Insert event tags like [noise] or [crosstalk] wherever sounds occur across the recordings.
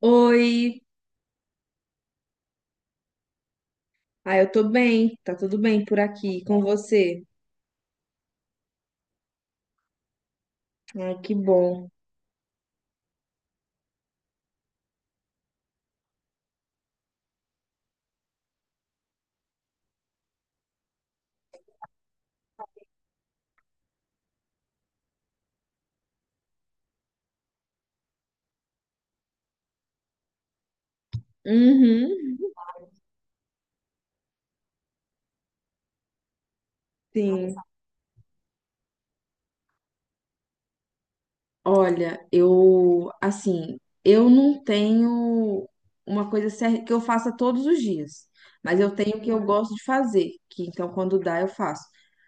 Oi, eu tô bem, tá tudo bem por aqui com você? Ai, que bom. Uhum, sim. Olha, eu, assim, eu não tenho uma que eu faça todos os dias, mas eu tenho o que eu gosto de fazer, que então quando dá eu faço.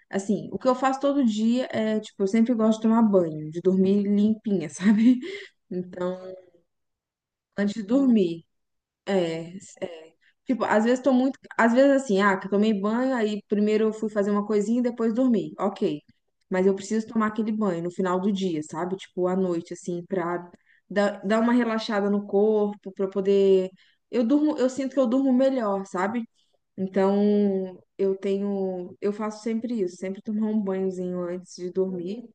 Assim, o que eu faço todo dia é, tipo, eu sempre gosto de tomar banho, de dormir limpinha, [laughs] sabe? Então, antes de dormir. É, é. Tipo, às vezes tô muito. Às vezes assim, ah, que eu tomei banho, aí primeiro eu fui fazer uma coisinha e depois dormi. Ok. Mas eu preciso tomar aquele banho no final do dia, sabe? Tipo, à noite, assim, pra dar uma relaxada no corpo, pra eu poder. Eu durmo, eu sinto que eu durmo melhor, sabe? Então, eu tenho. Eu faço sempre isso, sempre tomar um banhozinho antes de dormir.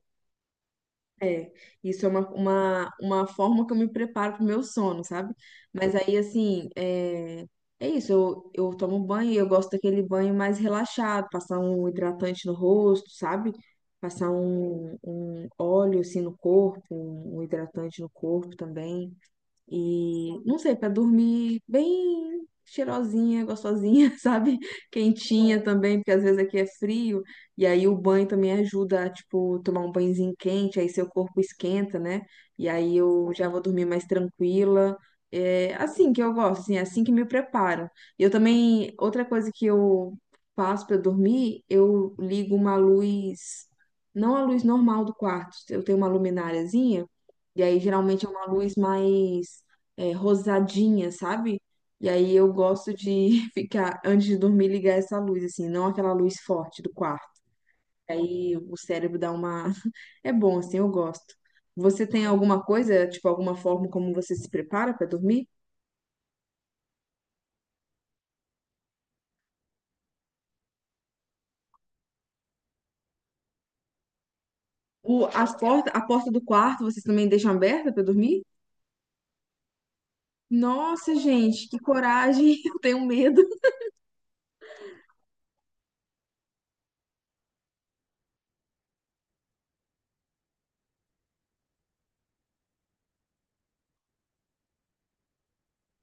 É, isso é uma forma que eu me preparo pro meu sono, sabe? Mas aí, assim, é, é isso, eu tomo banho e eu gosto daquele banho mais relaxado, passar um hidratante no rosto, sabe? Passar um óleo, assim, no corpo, um hidratante no corpo também. E não sei, para dormir bem cheirosinha, gostosinha, [laughs] sabe? Quentinha também, porque às vezes aqui é frio, e aí o banho também ajuda a, tipo, tomar um banhozinho quente, aí seu corpo esquenta, né? E aí eu já vou dormir mais tranquila. É assim que eu gosto, assim, é assim que me preparo. E eu também, outra coisa que eu faço para dormir, eu ligo uma luz, não a luz normal do quarto, eu tenho uma lumináriazinha e aí geralmente é uma luz mais rosadinha, sabe? E aí eu gosto de [laughs] ficar, antes de dormir, ligar essa luz, assim, não aquela luz forte do quarto. Aí o cérebro dá uma. [laughs] É bom, assim, eu gosto. Você tem alguma coisa, tipo, alguma forma como você se prepara pra dormir? O, a porta do quarto vocês também deixam aberta pra dormir? Nossa, gente, que coragem! [laughs] Eu tenho medo.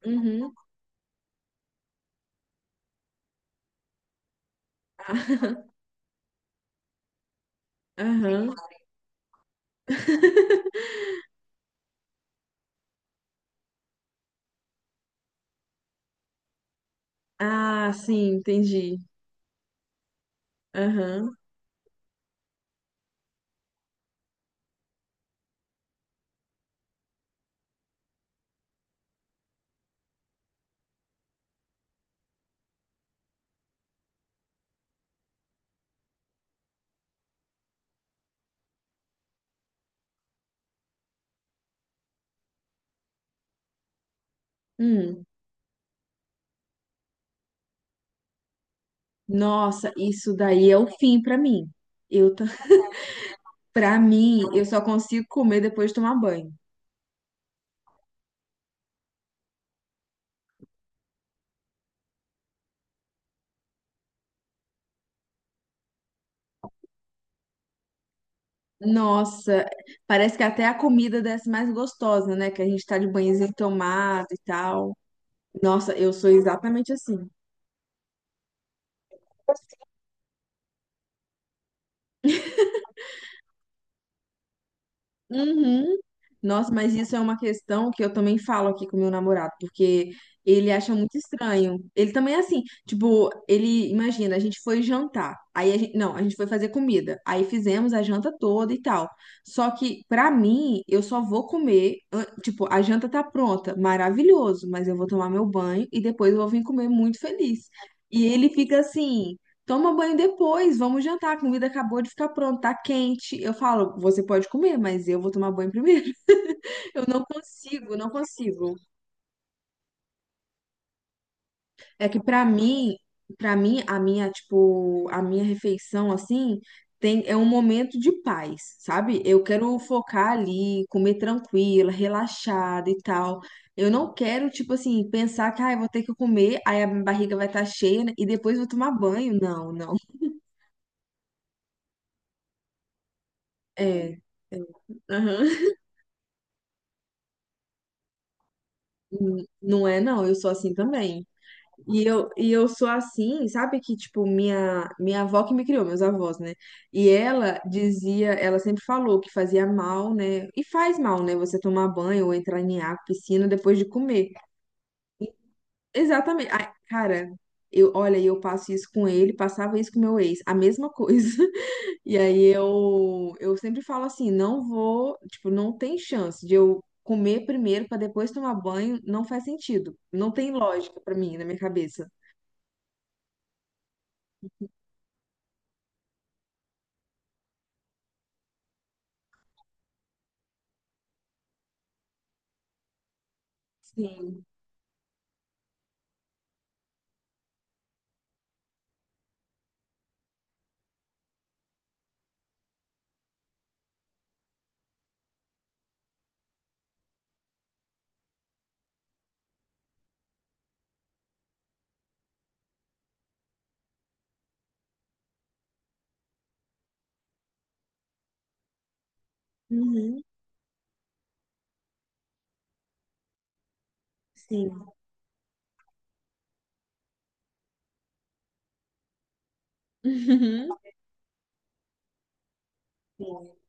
Uhum. [laughs] Aham. Ah, sim, entendi. Aham. Hum. Nossa, isso daí é o fim pra mim. Eu, ta- [laughs] pra mim, eu só consigo comer depois de tomar banho. Nossa, parece que até a comida desce mais gostosa, né? Que a gente tá de banhozinho tomado e tal. Nossa, eu sou exatamente assim. Uhum. Nossa, mas isso é uma questão que eu também falo aqui com meu namorado, porque ele acha muito estranho. Ele também é assim, tipo, ele imagina, a gente foi jantar, aí a gente, não, a gente foi fazer comida, aí fizemos a janta toda e tal. Só que pra mim, eu só vou tipo, a janta tá pronta, maravilhoso, mas eu vou tomar meu banho e depois eu vou vir comer muito feliz. E ele fica assim, Toma banho depois, vamos jantar. A comida acabou de ficar pronta, tá quente. Eu falo, você pode comer, mas eu vou tomar banho primeiro. Eu não consigo, não consigo. É que pra mim, para mim a minha, tipo, a minha refeição assim, tem é um momento de paz, sabe? Eu quero focar ali, comer tranquila, relaxada e tal. Eu não quero, tipo assim, pensar que ah, eu vou ter que comer, aí a minha barriga vai estar cheia né, e depois eu vou tomar banho. Não, não. É. É. Aham. Não é, não. Eu sou assim também. E eu sou assim, sabe que, tipo, minha avó que me criou, meus avós, né? E ela dizia, ela sempre falou que fazia mal, né? E faz mal, né? Você tomar banho ou entrar em água, piscina depois de comer. Exatamente. Ai, cara, eu, olha, eu passo isso com ele, passava isso com meu ex, a mesma coisa. [laughs] E aí eu sempre falo assim, não vou, tipo, não tem chance de eu comer primeiro para depois tomar banho, não faz sentido. Não tem lógica para mim, na minha cabeça. Sim. Uhum. Sim, Uhum. sim,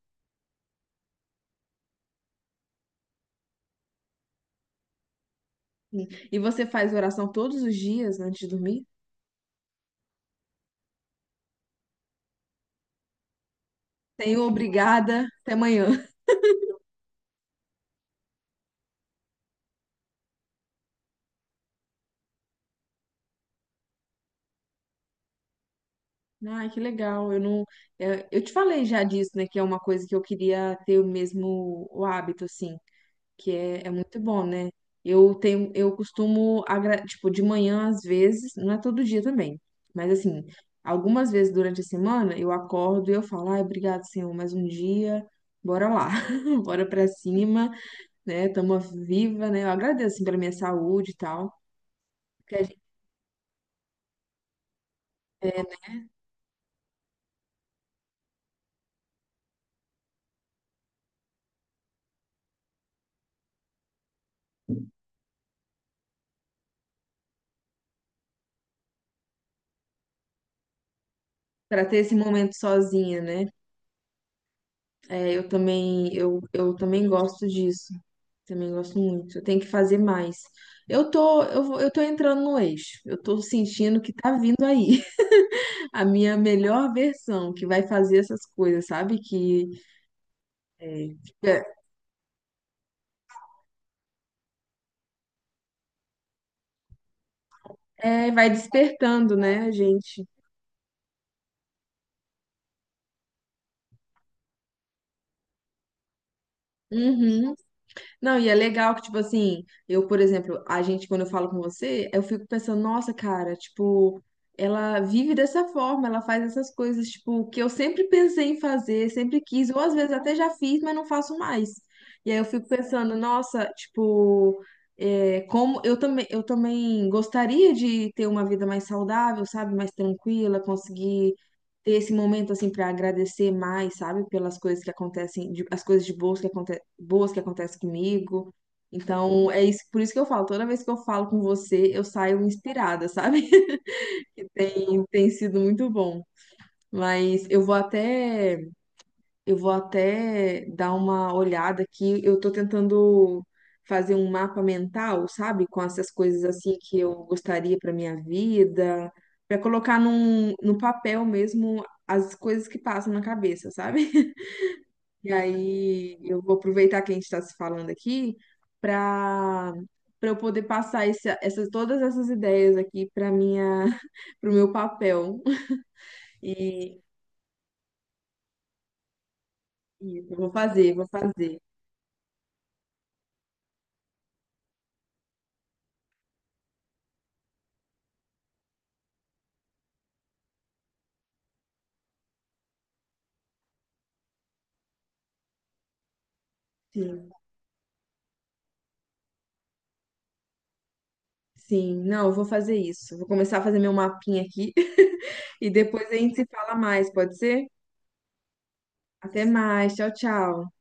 sim. E você faz oração todos os dias antes de dormir? Senhor, obrigada, até amanhã. [laughs] Ai, que legal. Eu não, é, eu te falei já disso, né? Que é uma coisa que eu queria ter o mesmo o hábito, assim, que é, é muito bom, né? Eu tenho, eu tipo, de manhã às vezes, não é todo dia também, mas assim, algumas vezes durante a semana eu acordo e eu falo, ai, obrigado, Senhor, mais um dia, bora lá, [laughs] bora pra cima. Né? Tamo viva, né? Eu agradeço, assim, pela minha saúde e tal. Que a gente- é, pra ter esse momento sozinha, né? É, eu também, eu também gosto disso. Também gosto muito. Eu tenho que fazer mais. Eu tô, eu tô entrando no eixo. Eu tô sentindo que tá vindo aí [laughs] a minha melhor versão, que vai fazer essas coisas, sabe? Que é, é, vai despertando, né, a gente? Uhum. Não, e é legal que, tipo assim, eu, por exemplo, a gente, quando eu falo com você, eu fico pensando, nossa, cara, tipo, ela vive dessa forma, ela faz essas coisas, tipo, que eu sempre pensei em fazer, sempre quis, ou às vezes até já fiz, mas não faço mais. E aí eu fico pensando, nossa, tipo, é, como eu também gostaria de ter uma vida mais saudável, sabe, mais tranquila, conseguir ter esse momento assim para agradecer mais, sabe, pelas coisas que acontecem, as coisas de boas que acontecem comigo. Então, é isso, por isso que eu falo, toda vez que eu falo com você, eu saio inspirada, sabe? [laughs] Tem, tem sido muito bom. Mas eu vou até dar uma olhada aqui. Eu tô tentando fazer um mapa mental, sabe? Com essas coisas assim que eu gostaria para minha vida, para colocar no papel mesmo as coisas que passam na cabeça, sabe? [laughs] E aí eu vou aproveitar que a gente está se falando aqui para para eu poder passar essas todas essas ideias aqui para minha [laughs] para o meu papel. E, e eu vou fazer, vou fazer. Sim. Sim, não, eu vou fazer isso. Vou começar a fazer meu mapinha aqui [laughs] e depois a gente se fala mais, pode ser? Até mais, tchau, tchau.